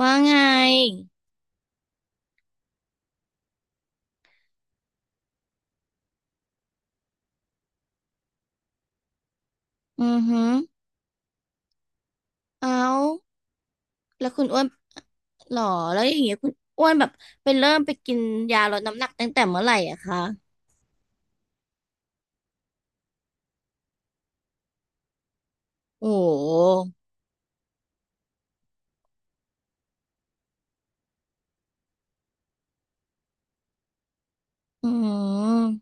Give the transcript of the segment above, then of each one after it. ว่าไงอือหือเอาแล้วคุณอ้วนหรอแล้วอย่างเงี้ยคุณอ้วนแบบไปเริ่มไปกินยาลดน้ำหนักตั้งแต่เมื่อไหร่อะคะโอ้โหอืม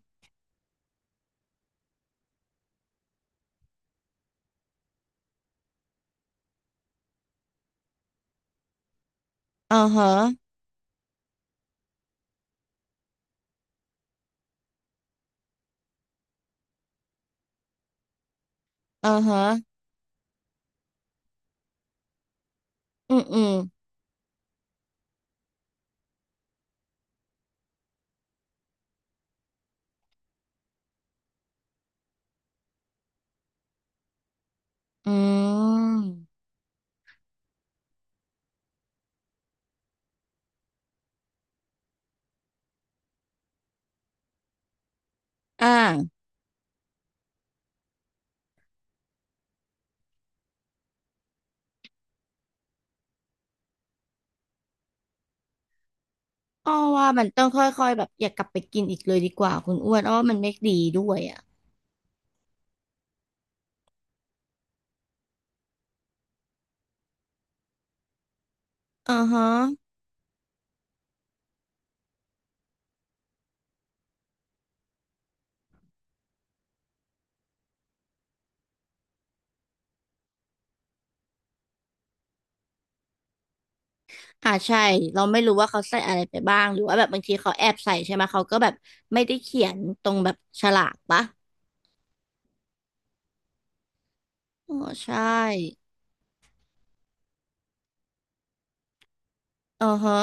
อ่าฮะอ่าฮะอืมอืมอืมอ่าอ้อว่ามันต้องค่อยๆแบบอย่ากลับไปกินอีกเลยดีกว่าคุณอ้วนอ้อว่ามันไม่ดีด้วยอะอ่าฮะอ่าใช่เราไม่รู้ว่าเขาใส่อะไรไปบ้างหรือว่าแบบบางทีเขาแอบใส่ใช่ไหมเขาก็แบบไม่ได้เขียนตรงแบบฉลากปะ อ๋อใช่อือฮะ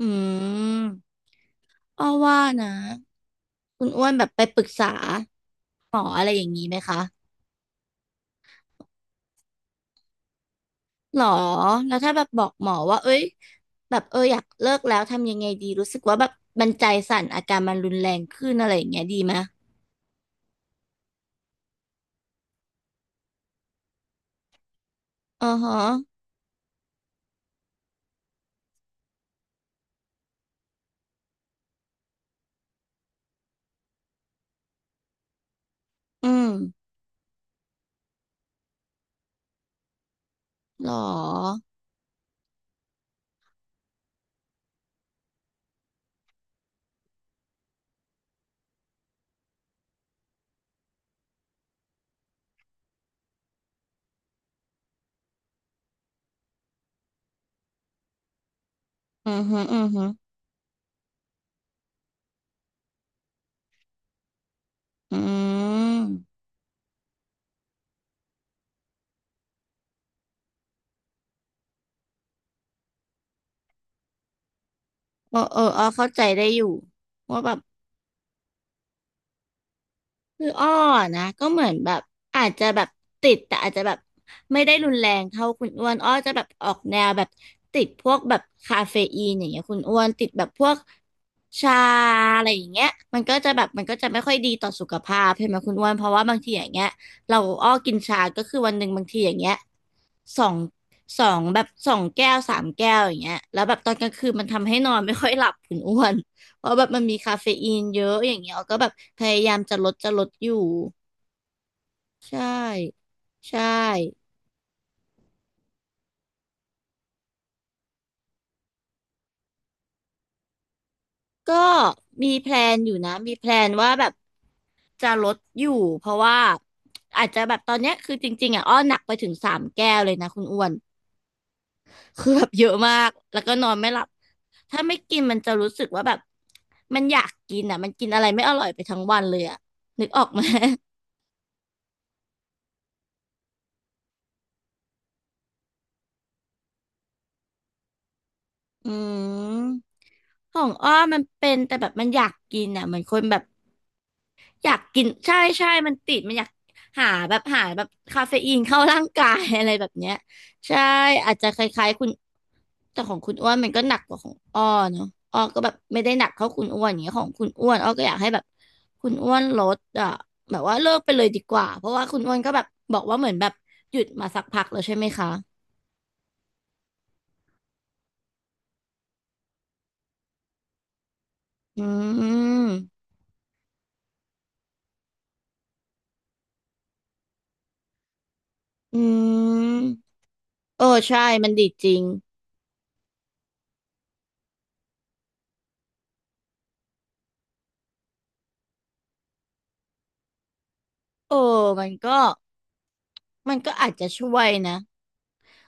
อืมอ้อว่านะคุณอ้วนแบบไปปรึกษาหมออะไรอย่างนี้ไหมคะหรอ แล้วถ้าแบบบอกหมอว่าเอ้ยแบบเอออยากเลิกแล้วทำยังไงดีรู้สึกว่าแบบมันใจสั่นอาการมันรุนแรงขึ้นอะไรอย่างเงี้ยดีไหมอือฮะอืม หรอ อือฮึอือฮึอืมเออเอออ้อเข้าใจได้อยู่ว่าแบบ คืออ้อนะก็เหมือนแบบอาจจะแบบติดแต่อาจจะแบบไม่ได้รุนแรงเท่าคุณอ้วนอ้อจะแบบออกแนวแบบติดพวกแบบคาเฟอีนอย่างเงี้ยคุณอ้วนติดแบบพวกชาอะไรอย่างเงี้ยมันก็จะไม่ค่อยดีต่อสุขภาพใช่ไหมคุณอ้วนเพราะว่าบางทีอย่างเงี้ยเราอ้อกินชาก็คือวันหนึ่งบางทีอย่างเงี้ยสองสองแบบสองแก้วสามแก้วอย่างเงี้ยแล้วแบบตอนกลางคืนมันทำให้นอนไม่ค่อยหลับคุณอ้วน เพราะแบบมันมีคาเฟอีนเยอะอย่างเงี้ยออยก็แบบพยายามจะลดอยู่ใช่ใช่ก็มีแพลนอยู่นะมีแพลนว่าแบบจะลดอยู่เพราะว่าอาจจะแบบตอนเนี้ยคือจริงๆอ่ะอ้อหนักไปถึงสามแก้วเลยนะคุณอ้วนคือแบบเยอะมากแล้วก็นอนไม่หลับถ้าไม่กินมันจะรู้สึกว่าแบบมันอยากกินอ่ะมันกินอะไรไม่อร่อยไปทั้งวันเลยอ่ะนึกออกไหมอืม ของอ้อมันเป็นแต่แบบมันอยากกินอ่ะเหมือนคนแบบ อยากกินใช่ใช่มันติดมันอยากหาแบบคาเฟอีนเข้าร่างกาย อะไรแบบเนี้ยใช่อาจจะคล้ายๆคุณแต่ของคุณอ้วนมันก็หนักกว่าของอ้อเนาะอ้อก็แบบไม่ได้หนักเท่าคุณอ้วนอย่างเงี้ยของคุณอ้วนอ้อก็อยากให้แบบคุณอ้วนลดอ่ะแบบว่าเลิกไปเลยดีกว่าเพราะว่าคุณอ้วนก็แบบบอกว่าเหมือนแบบหยุดมาสักพักแล้วใช่ไหมคะอืมอืมเออใช่มันดีจริงเออมันก็มันก็อาจจะช่วยนะ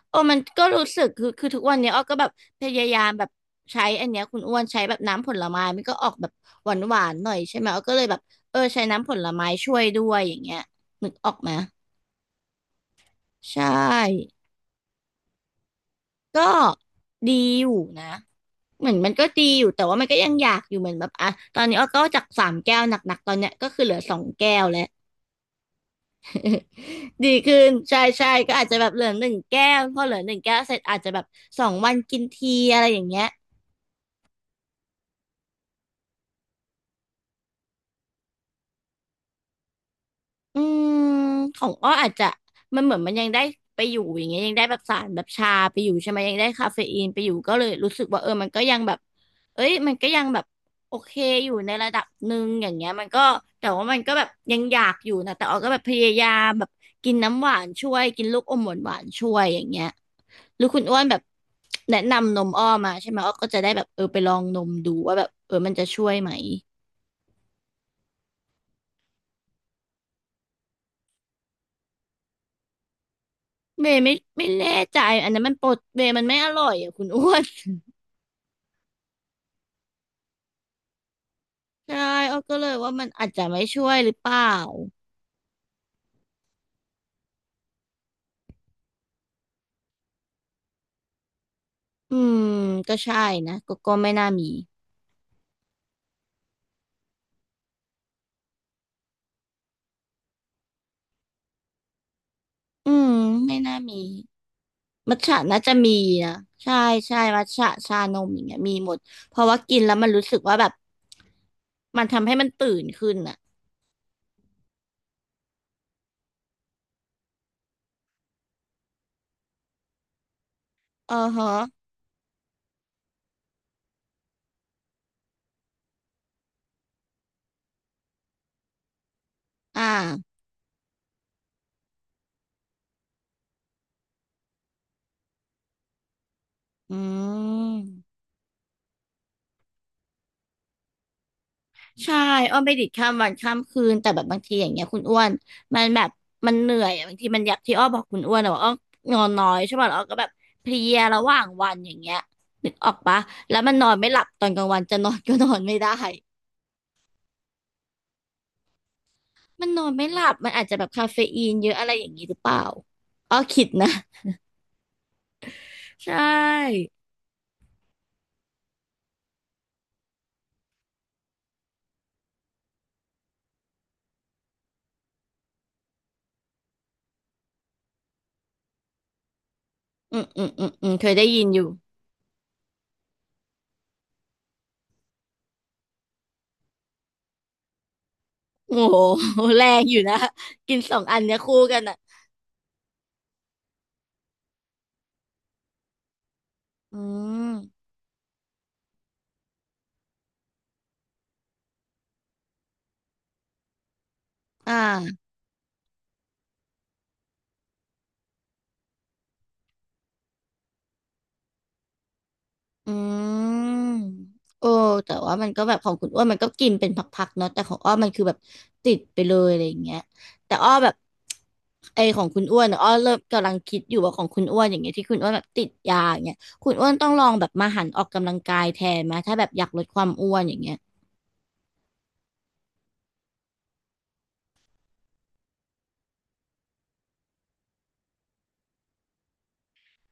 โอ้มันก็รู้สึกคือคือทุกวันเนี้ยอ้อก็แบบพยายามแบบใช้อันเนี้ยคุณอ้วนใช้แบบน้ำผลไม้มันก็ออกแบบหวานหวานหน่อยใช่ไหมอ้อก็เลยแบบเออใช้น้ำผลไม้ช่วยด้วยอย่างเงี้ยนึกออกไหมใช่ก็ดีอยู่นะเหมือนมันก็ดีอยู่แต่ว่ามันก็ยังอยากอยู่เหมือนแบบอ่ะตอนนี้อ้อก็จากสามแก้วหนักๆตอนเนี้ยก็คือเหลือสองแก้วแล้ว ดีขึ้นใช่ใช่ก็อาจจะแบบเหลือหนึ่งแก้วพอเหลือหนึ่งแก้วเสร็จอาจจะแบบสองวันกินทีอะไรอย่างเงี้ย อืมของอ้ออาจจะมันเหมือนมันยังได้ไปอยู่อย่างเงี้ยยังได้แบบสารแบบชาไปอยู่ใช่ไหมยังได้คาเฟอีนไปอยู่ก็เลยรู้สึกว่าเออมันก็ยังแบบเอ้ยมันก็ยังแบบโอเคอยู่ในระดับหนึ่งอย่างเงี้ยมันก็แต่ว่ามันก็แบบยังอยากอยู่นะแต่อ้อก็แบบพยายามแบบกินน้ำหวานช่วยกินลูกอมหวานหวานช่วยอย่างเงี้ยหรือคุณอ้วนแบบแนะนำนมอ้อมาใช่ไหมอ้อก็จะได้แบบเออไปลองนมดูว่าแบบเออมันจะช่วยไหม เบย์ไม่แน่ใจอันนั้นมันปดเบย์มันไม่อร่อยอ่ะคุณอ้วน ใช่อ้อก็เลยว่ามันอาจจะไม่ช่วยหรือเปล่าอืมก็ใช่นะก็ก็ไม่น่ามีอืมไม่น่ามีมัทฉะน่าจะมีนะใช่ใช่มัทฉะชานมอย่างเงี้ยมีหมดเพราะว่ากินแล้วมันรู้สึกว่าแบบมันทำให้มันตื่นขึ้นอ่ะเออฮะอ่าอืม ใช่อ้อนไปดิดข้ามวันข้ามคืนแต่แบบบางทีอย่างเงี้ยคุณอ้วนมันแบบมันเหนื่อยอะบางทีมันอยากที่อ้อบอกคุณอ้วนอะว่าอ้อนอนน้อยใช่ป่ะแล้วอ้อก็แบบเพลียระหว่างวันอย่างเงี้ยนึกออกปะแล้วมันนอนไม่หลับตอนกลางวันจะนอนก็นอนไม่ได้ มันนอนไม่หลับมันอาจจะแบบคาเฟอีนเยอะอะไรอย่างงี้หรือเปล่าอ้อคิดนะใช่ อืมเคยได้ยินอยู่โอ้โหแรงอยู่นะกินสองอันเนี้ยคู่กันอ่ะอืมอ่า อืมโอ้แต่ว่ามันก็แบบของคุณอ้วนมันก็กินเป็นพักๆเนาะแต่ของอ้อมันคือแบบติดไปเลยอะไรอย่างเงี้ยแต่อ้อแบบไอของคุณอ้วนอะอ้อเริ่มกำลังคิดอยู่ว่าของคุณอ้วนอย่างเงี้ยที่คุณอ้วนแบบติดยาอย่างเงี้ยคุณอ้วนต้องลองแบบมาหันออกกำลังกายแทนไหมถ้าแบบอยากลดความอ้วนอย่างเงี้ย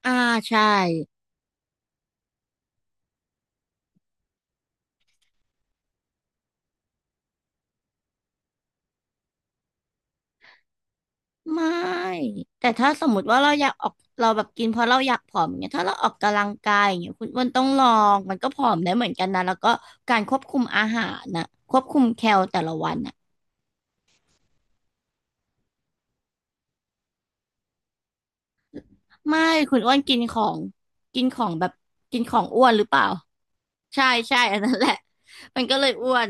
อ่าใช่ ไม่แต่ถ้าสมมติว่าเราอยากออกเราแบบกินเพราะเราอยากผอมอย่างเงี้ยถ้าเราออกกำลังกายอย่างเงี้ยคุณอ้วนต้องลองมันก็ผอมได้เหมือนกันนะแล้วก็การควบคุมอาหารนะควบคุมแคลแต่ละวันน่ะไม่คุณอ้วนกินของกินของแบบกินของอ้วนหรือเปล่าใช่ใช่อันนั้นแหละมันก็เลยอ้วน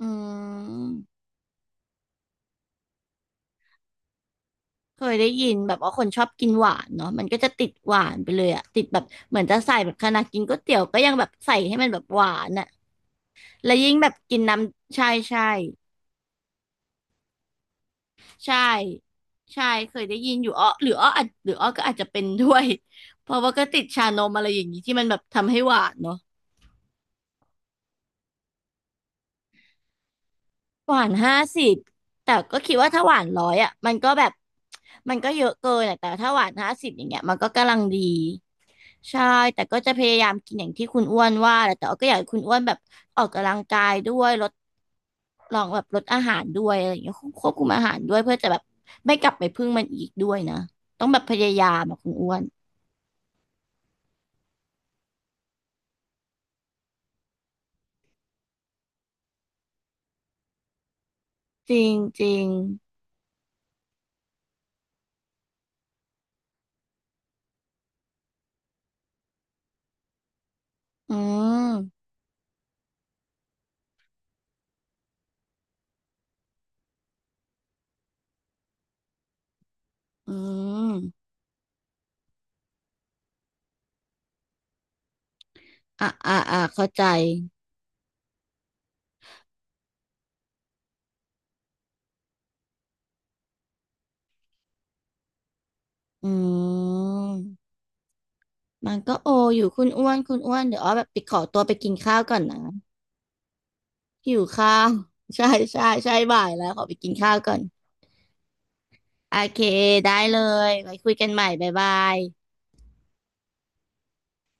อืมเคยได้ยินแบบว่าคนชอบกินหวานเนาะมันก็จะติดหวานไปเลยอะติดแบบเหมือนจะใส่แบบขนาดกินก๋วยเตี๋ยวก็ยังแบบใส่ให้มันแบบหวานอะ และยิ่งแบบกินน้ำใช่ใช่ใช่ใช่เคยได้ยินอยู่อ้อหรืออ้ออาจหรืออ้อก็อาจจะเป็นด้วยเพราะว่าก็ติดชานมอะไรอย่างนี้ที่มันแบบทำให้หวานเนาะ หวานห้าสิบแต่ก็คิดว่าถ้าหวานร้อยอ่ะมันก็แบบมันก็เยอะเกินอะแต่ถ้าหวานห้าสิบอย่างเงี้ยมันก็กำลังดีใช่แต่ก็จะพยายามกินอย่างที่คุณอ้วนว่าแหละแต่อก็อยากให้คุณอ้วนแบบออกกำลังกายด้วยลดลองแบบลดอาหารด้วยอะไรอย่างเงี้ยควบคุมอาหารด้วยเพื่อจะแบบไม่กลับไปพึ่งมันอีกด้วยนะต้องแบบพยายามอะคุณอ้วนจริงจริงอืมอืมอ่ะอ่ะอ่ะเข้าใจอืม มันก็โออยู่คุณอ้วนคุณอ้วนเดี๋ยวอ้อแบบไปขอตัวไปกินข้าวก่อนนะหิวข้าว ใช่ใช่ใช่บ่ายแล้วขอไปกินข้าวก่อนโอเคได้เลยไว้คุยกันใหม่บ๊ายบาย